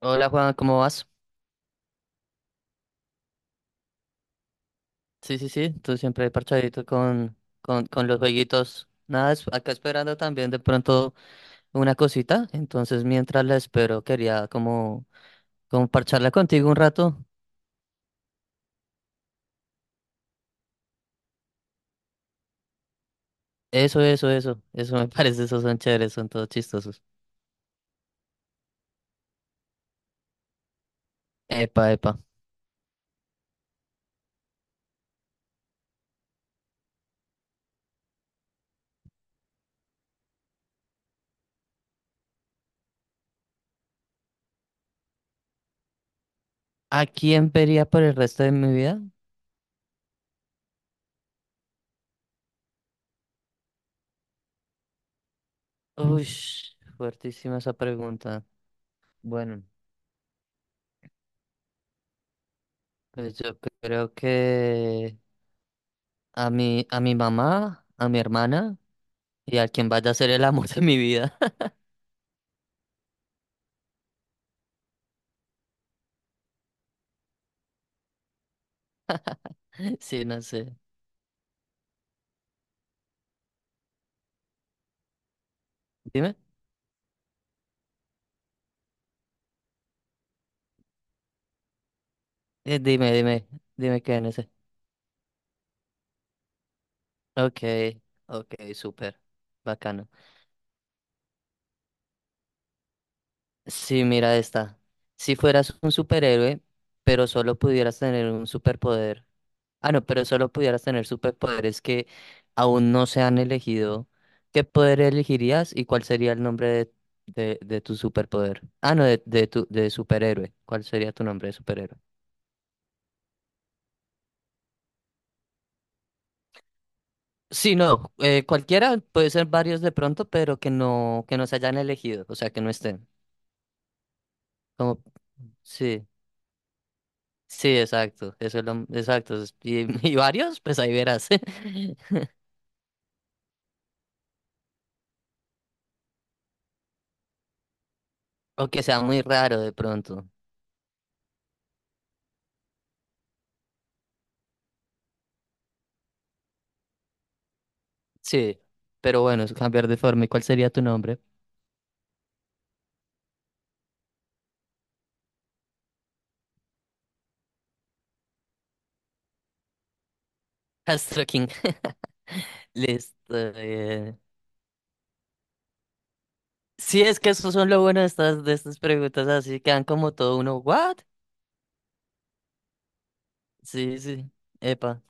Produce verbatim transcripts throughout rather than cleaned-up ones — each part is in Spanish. Hola Juan, ¿cómo vas? Sí, sí, sí, tú siempre parchadito con, con, con los jueguitos. Nada, es- acá esperando también de pronto una cosita. Entonces, mientras la espero, quería como, como parcharla contigo un rato. Eso, eso, eso. Eso me parece, esos son chéveres, son todos chistosos. Epa, epa. ¿A quién vería por el resto de mi vida? Uy, fuertísima esa pregunta. Bueno, pues yo creo que a mi, a mi mamá, a mi hermana. Y a quien vaya a ser el amor de mi vida. Sí, no sé. Dime, eh, dime, dime, dime qué en ese. Ok, ok, súper. Bacano. Sí, mira esta. Si fueras un superhéroe, pero solo pudieras tener un superpoder. Ah, no, pero solo pudieras tener superpoderes que aún no se han elegido. ¿Qué poder elegirías y cuál sería el nombre de, de, de tu superpoder? Ah, no, de, de tu de superhéroe. ¿Cuál sería tu nombre de superhéroe? Sí, no, eh, cualquiera, puede ser varios de pronto, pero que no, que no se hayan elegido, o sea, que no estén. Como, sí, sí, exacto, eso es lo, exacto. es- Y, y varios, pues ahí verás. O que sea muy raro de pronto. Sí, pero bueno, es cambiar de forma. ¿Y cuál sería tu nombre? Astro King. Listo. eh. Sí, es que eso son lo bueno de estas, de estas preguntas, así quedan como todo uno, ¿what? Sí, sí, epa.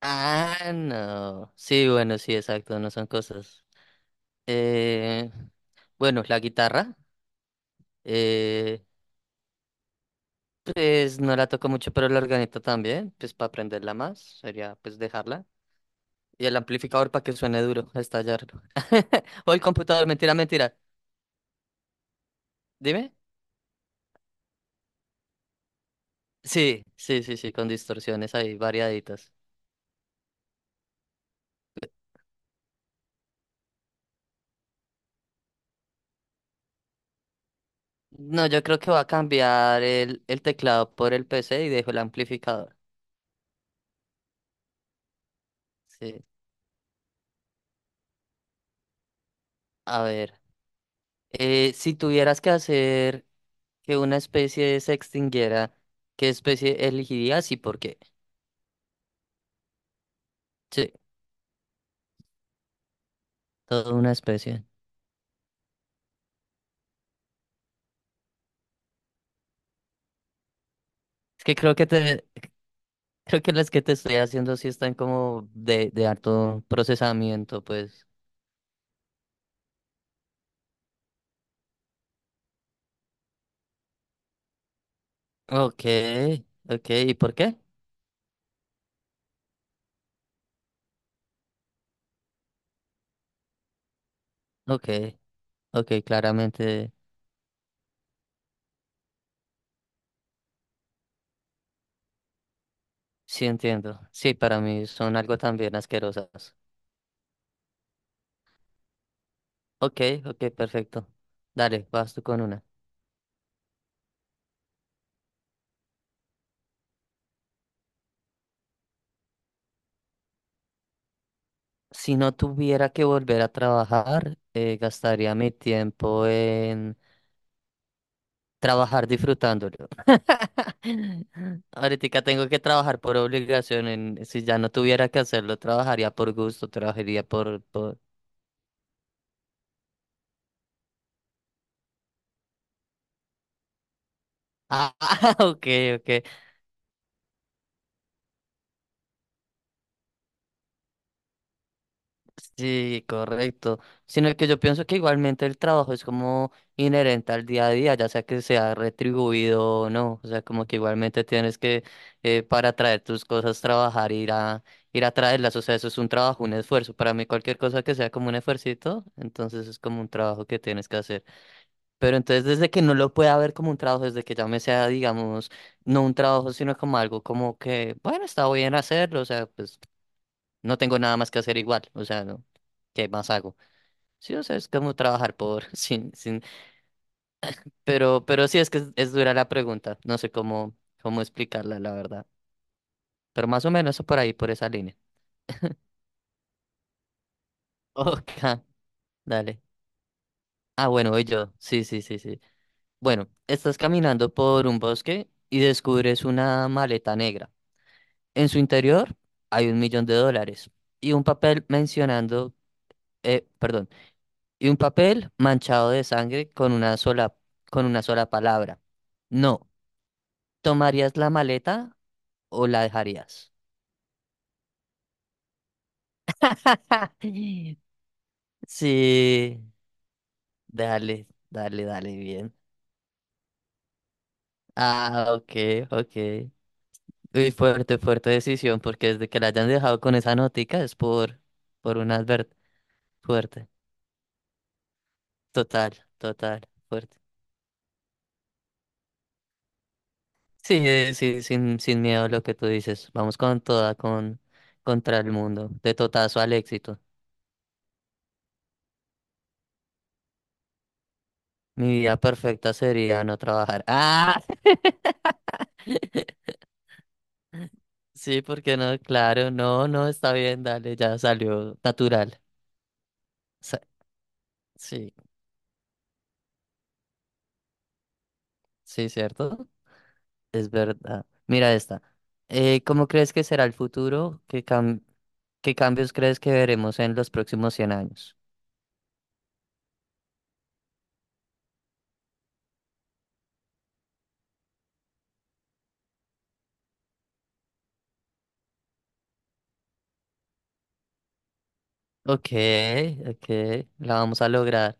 Ah, no. Sí, bueno, sí, exacto, no son cosas. Eh, bueno, la guitarra, eh, pues no la toco mucho, pero la organeta también, pues para aprenderla más, sería pues dejarla. Y el amplificador para que suene duro, estallarlo. O el computador, mentira, mentira. Dime. Sí, sí, sí, sí, con distorsiones ahí variaditas. No, yo creo que voy a cambiar el, el teclado por el P C y dejo el amplificador. Sí. A ver, eh, si tuvieras que hacer que una especie se extinguiera, ¿qué especie elegirías y por qué? Sí, toda una especie. Es que creo que te, creo que las que te estoy haciendo sí están como de, de harto procesamiento, pues. Ok, ok, ¿y por qué? Ok, ok, claramente sí entiendo. Sí, para mí son algo también asquerosas. Ok, ok, perfecto. Dale, vas tú con una. Si no tuviera que volver a trabajar, eh, gastaría mi tiempo. Trabajar disfrutándolo. Ahorita tengo que trabajar por obligación. En- si ya no tuviera que hacerlo, trabajaría por gusto, trabajaría por, por... Ah, ok, ok. Sí, correcto. Sino que yo pienso que igualmente el trabajo es como inherente al día a día, ya sea que sea retribuido o no. O sea, como que igualmente tienes que, eh, para traer tus cosas, trabajar, ir a, ir a traerlas. O sea, eso es un trabajo, un esfuerzo. Para mí, cualquier cosa que sea como un esfuercito, entonces es como un trabajo que tienes que hacer. Pero entonces desde que no lo pueda ver como un trabajo, desde que ya me sea, digamos, no un trabajo, sino como algo como que, bueno, está bien hacerlo, o sea, pues no tengo nada más que hacer igual, o sea, no, ¿qué más hago? Sí, o sea, es como trabajar por, sin, sin, pero, pero sí es que es, es dura la pregunta, no sé cómo, cómo explicarla, la verdad. Pero más o menos por ahí, por esa línea. Ok, dale. Ah, bueno, voy yo. Sí, sí, sí, sí. Bueno, estás caminando por un bosque y descubres una maleta negra. En su interior hay un millón de dólares y un papel mencionando, eh, perdón, y un papel manchado de sangre con una sola, con una sola palabra. No, ¿tomarías la maleta o la dejarías? Sí, dale, dale, dale, bien. Ah, ok, ok. Uy, fuerte, fuerte decisión, porque desde que la hayan dejado con esa notica es por, por una advert fuerte. Total, total, fuerte. Sí, eh, sí, sin, sin miedo a lo que tú dices. Vamos con toda, con contra el mundo, de totazo al éxito. Mi vida perfecta sería no trabajar. Ah, sí, porque no? Claro, no, no, está bien, dale, ya salió natural. Sa- sí, sí, ¿cierto? Es verdad. Mira esta. Eh, ¿cómo crees que será el futuro? ¿Qué cam- ¿qué cambios crees que veremos en los próximos cien años? Ok, ok, la vamos a lograr.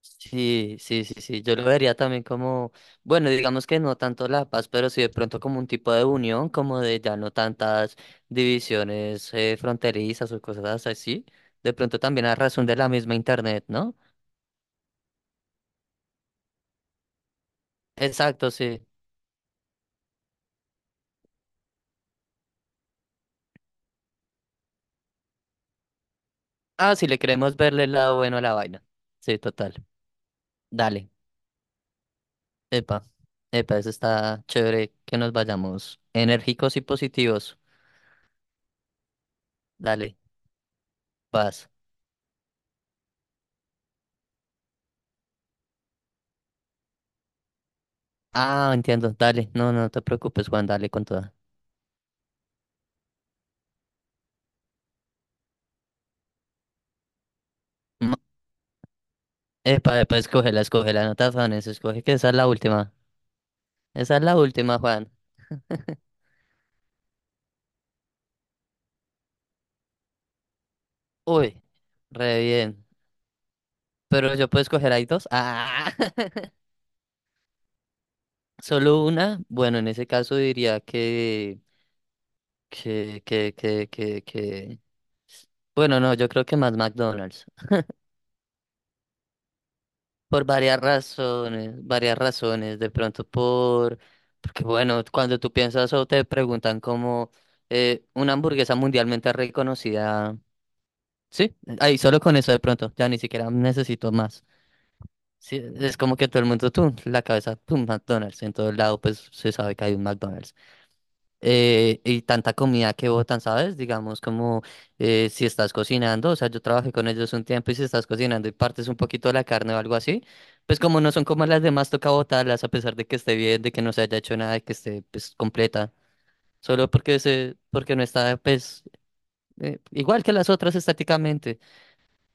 Sí, sí, sí, sí. Yo lo vería también como, bueno, digamos que no tanto la paz, pero sí de pronto como un tipo de unión, como de ya no tantas divisiones eh, fronterizas o cosas así. De pronto también a razón de la misma internet, ¿no? Exacto, sí. Ah, si le queremos verle el lado bueno a la vaina. Sí, total. Dale. Epa. Epa, eso está chévere que nos vayamos enérgicos y positivos. Dale, paz. Ah, entiendo. Dale. No, no te preocupes, Juan. Dale con toda. Epa, epa, escógela, escógela, no te afanes, escoge que esa es la última. Esa es la última, Juan. Uy, re bien. Pero yo puedo escoger ahí dos. Ah, solo una. Bueno, en ese caso diría que, que, que, que, que, que. Bueno, no, yo creo que más McDonald's. Por varias razones, varias razones. De pronto por, porque bueno, cuando tú piensas o te preguntan como eh, una hamburguesa mundialmente reconocida. Sí, ahí solo con eso de pronto, ya ni siquiera necesito más. Sí, es como que todo el mundo, tú, la cabeza, tú, McDonald's, en todo lado pues se sabe que hay un McDonald's. Eh, y tanta comida que botan, ¿sabes? Digamos como eh, si estás cocinando, o sea, yo trabajé con ellos un tiempo y si estás cocinando y partes un poquito de la carne o algo así, pues como no son como las demás, toca botarlas a pesar de que esté bien, de que no se haya hecho nada, de que esté pues completa, solo porque, se, porque no está pues eh, igual que las otras estáticamente.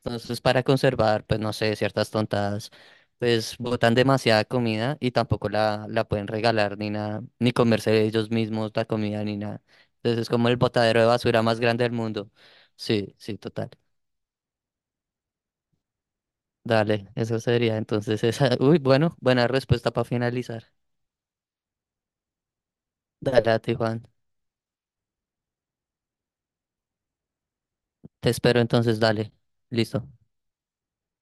Entonces, para conservar, pues no sé, ciertas tontadas, pues botan demasiada comida y tampoco la, la pueden regalar ni nada, ni comerse ellos mismos la comida ni nada. Entonces, es como el botadero de basura más grande del mundo. Sí, sí, total. Dale, eso sería entonces esa. Uy, bueno, buena respuesta para finalizar. Dale a ti, Juan. Te espero entonces, dale. Listo.